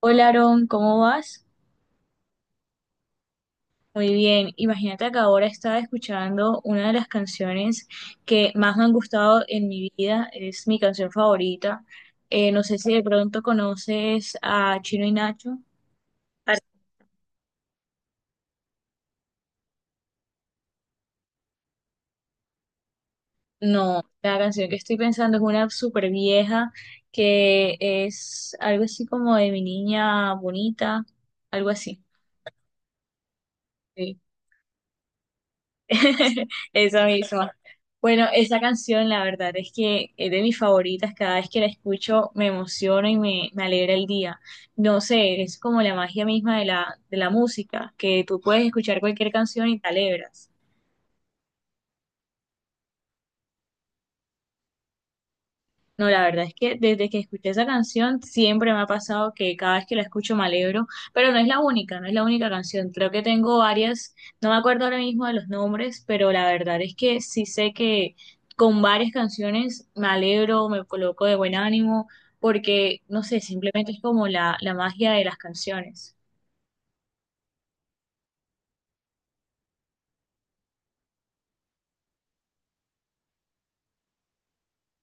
Hola Aaron, ¿cómo vas? Muy bien, imagínate que ahora estaba escuchando una de las canciones que más me han gustado en mi vida, es mi canción favorita. No sé si de pronto conoces a Chino y Nacho. Ar- No, la canción que estoy pensando es una súper vieja que es algo así como de mi niña bonita, algo así. Sí. Esa misma. Bueno, esa canción, la verdad es que es de mis favoritas. Cada vez que la escucho me emociona y me alegra el día. No sé, es como la magia misma de de la música, que tú puedes escuchar cualquier canción y te alegras. No, la verdad es que desde que escuché esa canción siempre me ha pasado que cada vez que la escucho me alegro, pero no es la única, no es la única canción. Creo que tengo varias, no me acuerdo ahora mismo de los nombres, pero la verdad es que sí sé que con varias canciones me alegro, me coloco de buen ánimo, porque no sé, simplemente es como la magia de las canciones.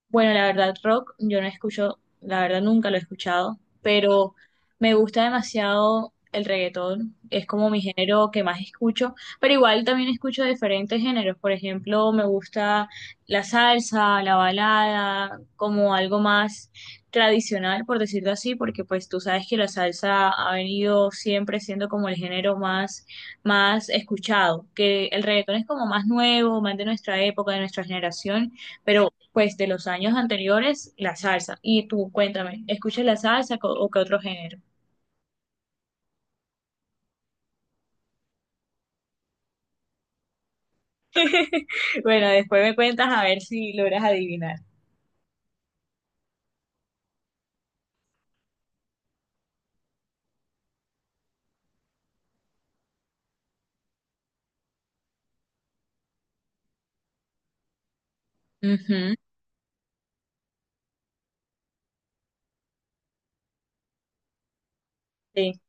Bueno, la verdad, rock, yo no escucho, la verdad nunca lo he escuchado, pero me gusta demasiado el reggaetón, es como mi género que más escucho, pero igual también escucho diferentes géneros, por ejemplo, me gusta la salsa, la balada, como algo más tradicional, por decirlo así, porque pues tú sabes que la salsa ha venido siempre siendo como el género más, más escuchado, que el reggaetón es como más nuevo, más de nuestra época, de nuestra generación. Pero pues de los años anteriores, la salsa. Y tú cuéntame, ¿escuchas la salsa o qué otro género? Bueno, después me cuentas a ver si logras adivinar. Ujú, sí,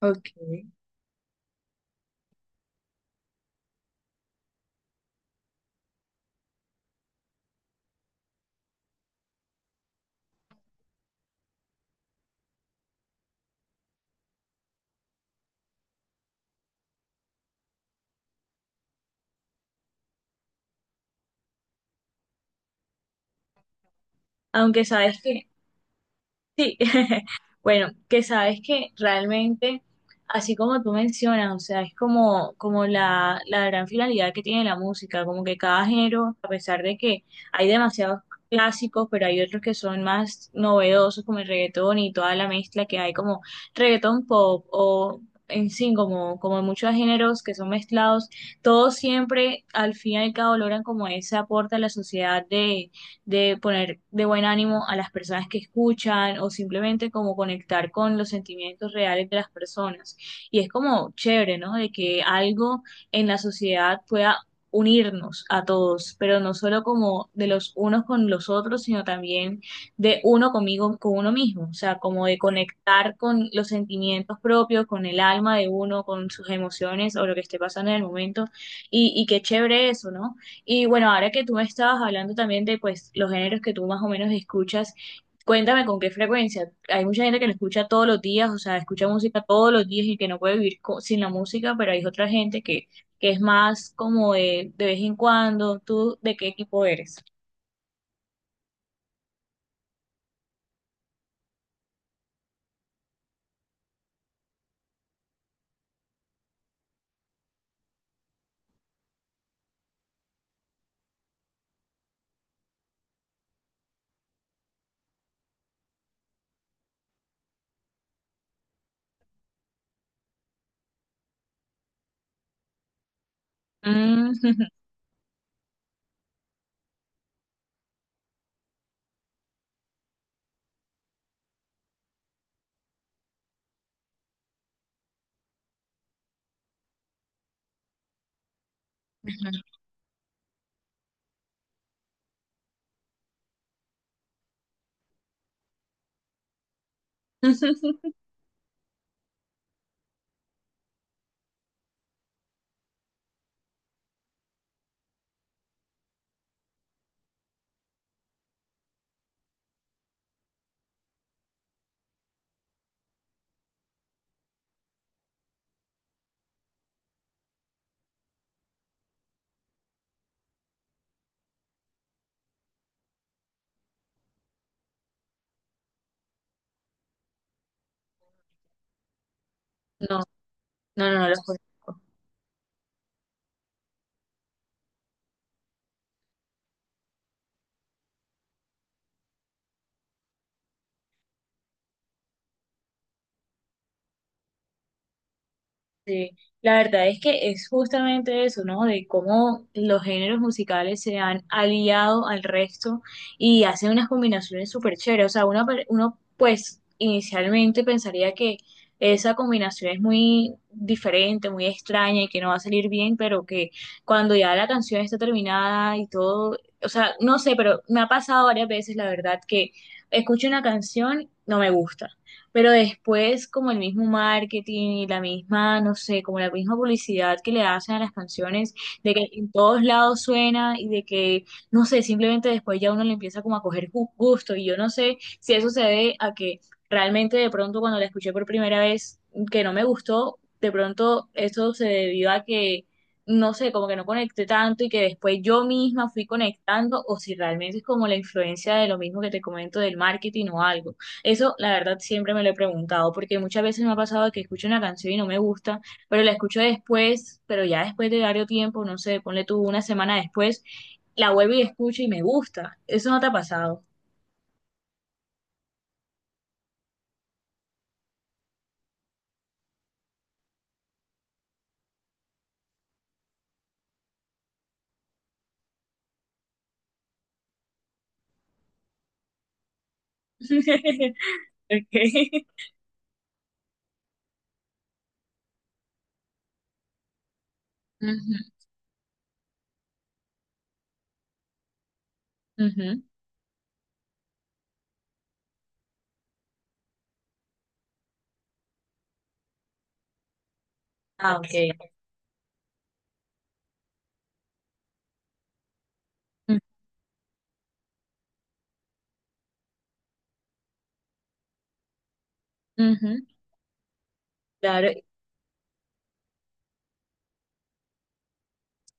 ok. Aunque sabes que Sí, bueno, que sabes que realmente, así como tú mencionas, o sea, es como, como la gran finalidad que tiene la música, como que cada género, a pesar de que hay demasiados clásicos, pero hay otros que son más novedosos, como el reggaetón y toda la mezcla que hay, como reggaetón pop o en sí, como, como muchos géneros que son mezclados, todos siempre al fin y al cabo logran como ese aporte a la sociedad de poner de buen ánimo a las personas que escuchan o simplemente como conectar con los sentimientos reales de las personas. Y es como chévere, ¿no? De que algo en la sociedad pueda unirnos a todos, pero no solo como de los unos con los otros, sino también de uno conmigo, con uno mismo, o sea, como de conectar con los sentimientos propios, con el alma de uno, con sus emociones o lo que esté pasando en el momento, y qué chévere eso, ¿no? Y bueno, ahora que tú me estabas hablando también de pues los géneros que tú más o menos escuchas, cuéntame con qué frecuencia. Hay mucha gente que lo escucha todos los días, o sea, escucha música todos los días y que no puede vivir sin la música, pero hay otra gente que es más como de vez en cuando. ¿Tú de qué equipo eres? Mm, No, no los conozco. Sí, la verdad es que es justamente eso, ¿no? De cómo los géneros musicales se han aliado al resto y hacen unas combinaciones súper chéveres. O sea, uno pues inicialmente pensaría que esa combinación es muy diferente, muy extraña y que no va a salir bien, pero que cuando ya la canción está terminada y todo, o sea, no sé, pero me ha pasado varias veces, la verdad, que escucho una canción, no me gusta pero después, como el mismo marketing y la misma, no sé, como la misma publicidad que le hacen a las canciones, de que en todos lados suena y de que, no sé, simplemente después ya uno le empieza como a coger gusto. Y yo no sé si eso se debe a que realmente de pronto cuando la escuché por primera vez, que no me gustó, de pronto eso se debió a que, no sé, como que no conecté tanto y que después yo misma fui conectando, o si realmente es como la influencia de lo mismo que te comento del marketing o algo. Eso, la verdad, siempre me lo he preguntado, porque muchas veces me ha pasado que escucho una canción y no me gusta, pero la escucho después, pero ya después de varios tiempo, no sé, ponle tú una semana después, la vuelvo y escucho y me gusta. Eso no te ha pasado. Okay. Ujú, ujú. Ah, ok. Ujú, claro.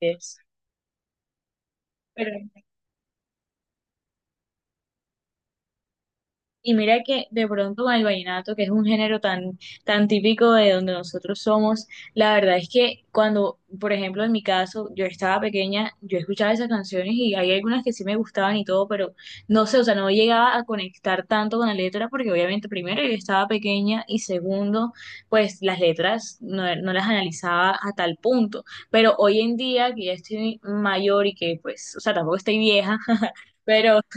es- Pero y mira que de pronto con el vallenato, que es un género tan, tan típico de donde nosotros somos, la verdad es que cuando, por ejemplo, en mi caso, yo estaba pequeña, yo escuchaba esas canciones y hay algunas que sí me gustaban y todo, pero no sé, o sea, no llegaba a conectar tanto con la letra porque obviamente primero yo estaba pequeña y segundo, pues las letras no las analizaba a tal punto. Pero hoy en día que ya estoy mayor y que pues, o sea, tampoco estoy vieja, pero...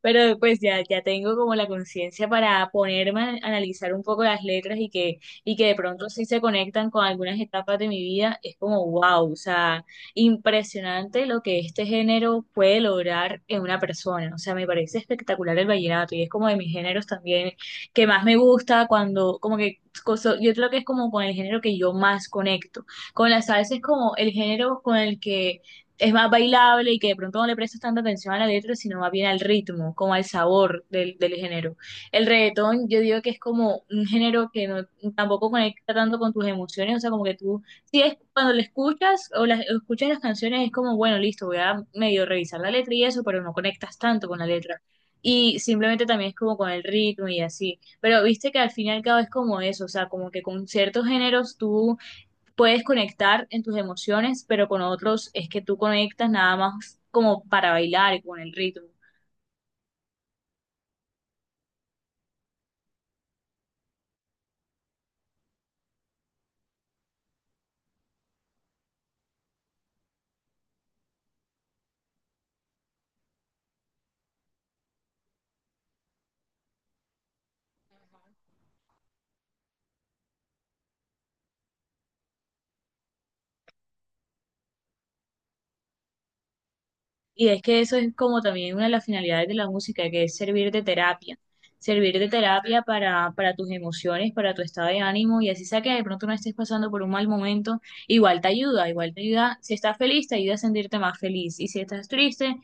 Pero pues ya tengo como la conciencia para ponerme a analizar un poco las letras y que de pronto sí se conectan con algunas etapas de mi vida. Es como wow, o sea, impresionante lo que este género puede lograr en una persona. O sea, me parece espectacular el vallenato y es como de mis géneros también que más me gusta cuando, como que, yo creo que es como con el género que yo más conecto. Con la salsa es como el género con el que es más bailable y que de pronto no le prestas tanta atención a la letra, sino más bien al ritmo, como al sabor del, del género. El reggaetón, yo digo que es como un género que no, tampoco conecta tanto con tus emociones, o sea, como que tú, si es cuando lo escuchas o las, o escuchas las canciones, es como, bueno, listo, voy a medio revisar la letra y eso, pero no conectas tanto con la letra. Y simplemente también es como con el ritmo y así. Pero viste que al fin y al cabo es como eso, o sea, como que con ciertos géneros tú puedes conectar en tus emociones, pero con otros es que tú conectas nada más como para bailar y con el ritmo. Y es que eso es como también una de las finalidades de la música, que es servir de terapia para tus emociones, para tu estado de ánimo, y así sea que de pronto no estés pasando por un mal momento, igual te ayuda, si estás feliz, te ayuda a sentirte más feliz, y si estás triste,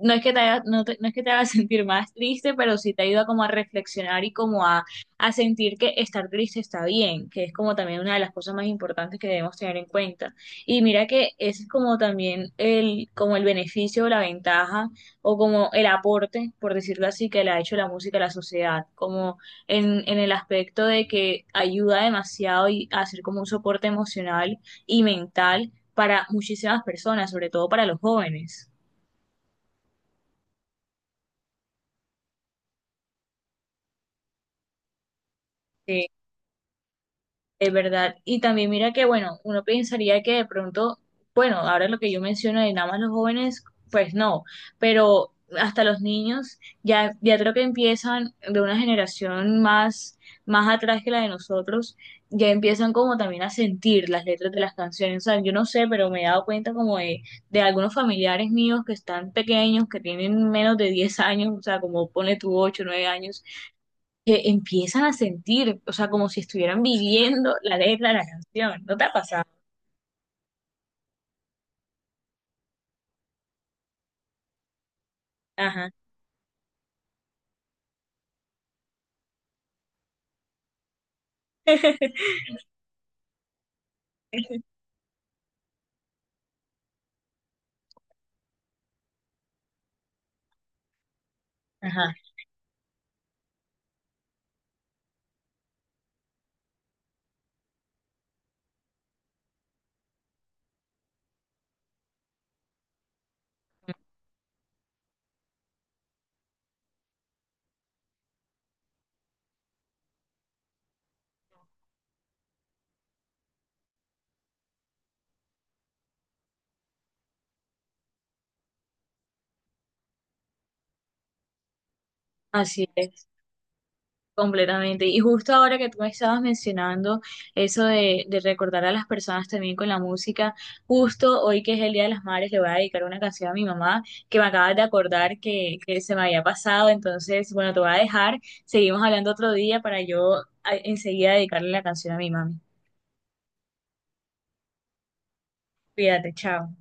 no es que te haga, no es que te haga sentir más triste, pero sí te ayuda como a reflexionar y como a sentir que estar triste está bien, que es como también una de las cosas más importantes que debemos tener en cuenta. Y mira que ese es como también el, como el beneficio, la ventaja o como el aporte, por decirlo así, que le ha hecho la música a la sociedad, como en el aspecto de que ayuda demasiado y a ser como un soporte emocional y mental para muchísimas personas, sobre todo para los jóvenes. Sí. Es verdad. Y también mira que, bueno, uno pensaría que de pronto, bueno, ahora lo que yo menciono de nada más los jóvenes, pues no, pero hasta los niños ya creo que empiezan de una generación más, más atrás que la de nosotros, ya empiezan como también a sentir las letras de las canciones. O sea, yo no sé, pero me he dado cuenta como de algunos familiares míos que están pequeños, que tienen menos de 10 años, o sea, como pone tu 8 9 años que empiezan a sentir, o sea, como si estuvieran viviendo la letra de la canción. ¿No te ha pasado? Ajá. Ajá, así es, completamente. Y justo ahora que tú me estabas mencionando eso de recordar a las personas también con la música, justo hoy que es el Día de las Madres le voy a dedicar una canción a mi mamá que me acabas de acordar que se me había pasado, entonces, bueno, te voy a dejar, seguimos hablando otro día para yo enseguida dedicarle la canción a mi mami. Cuídate, chao.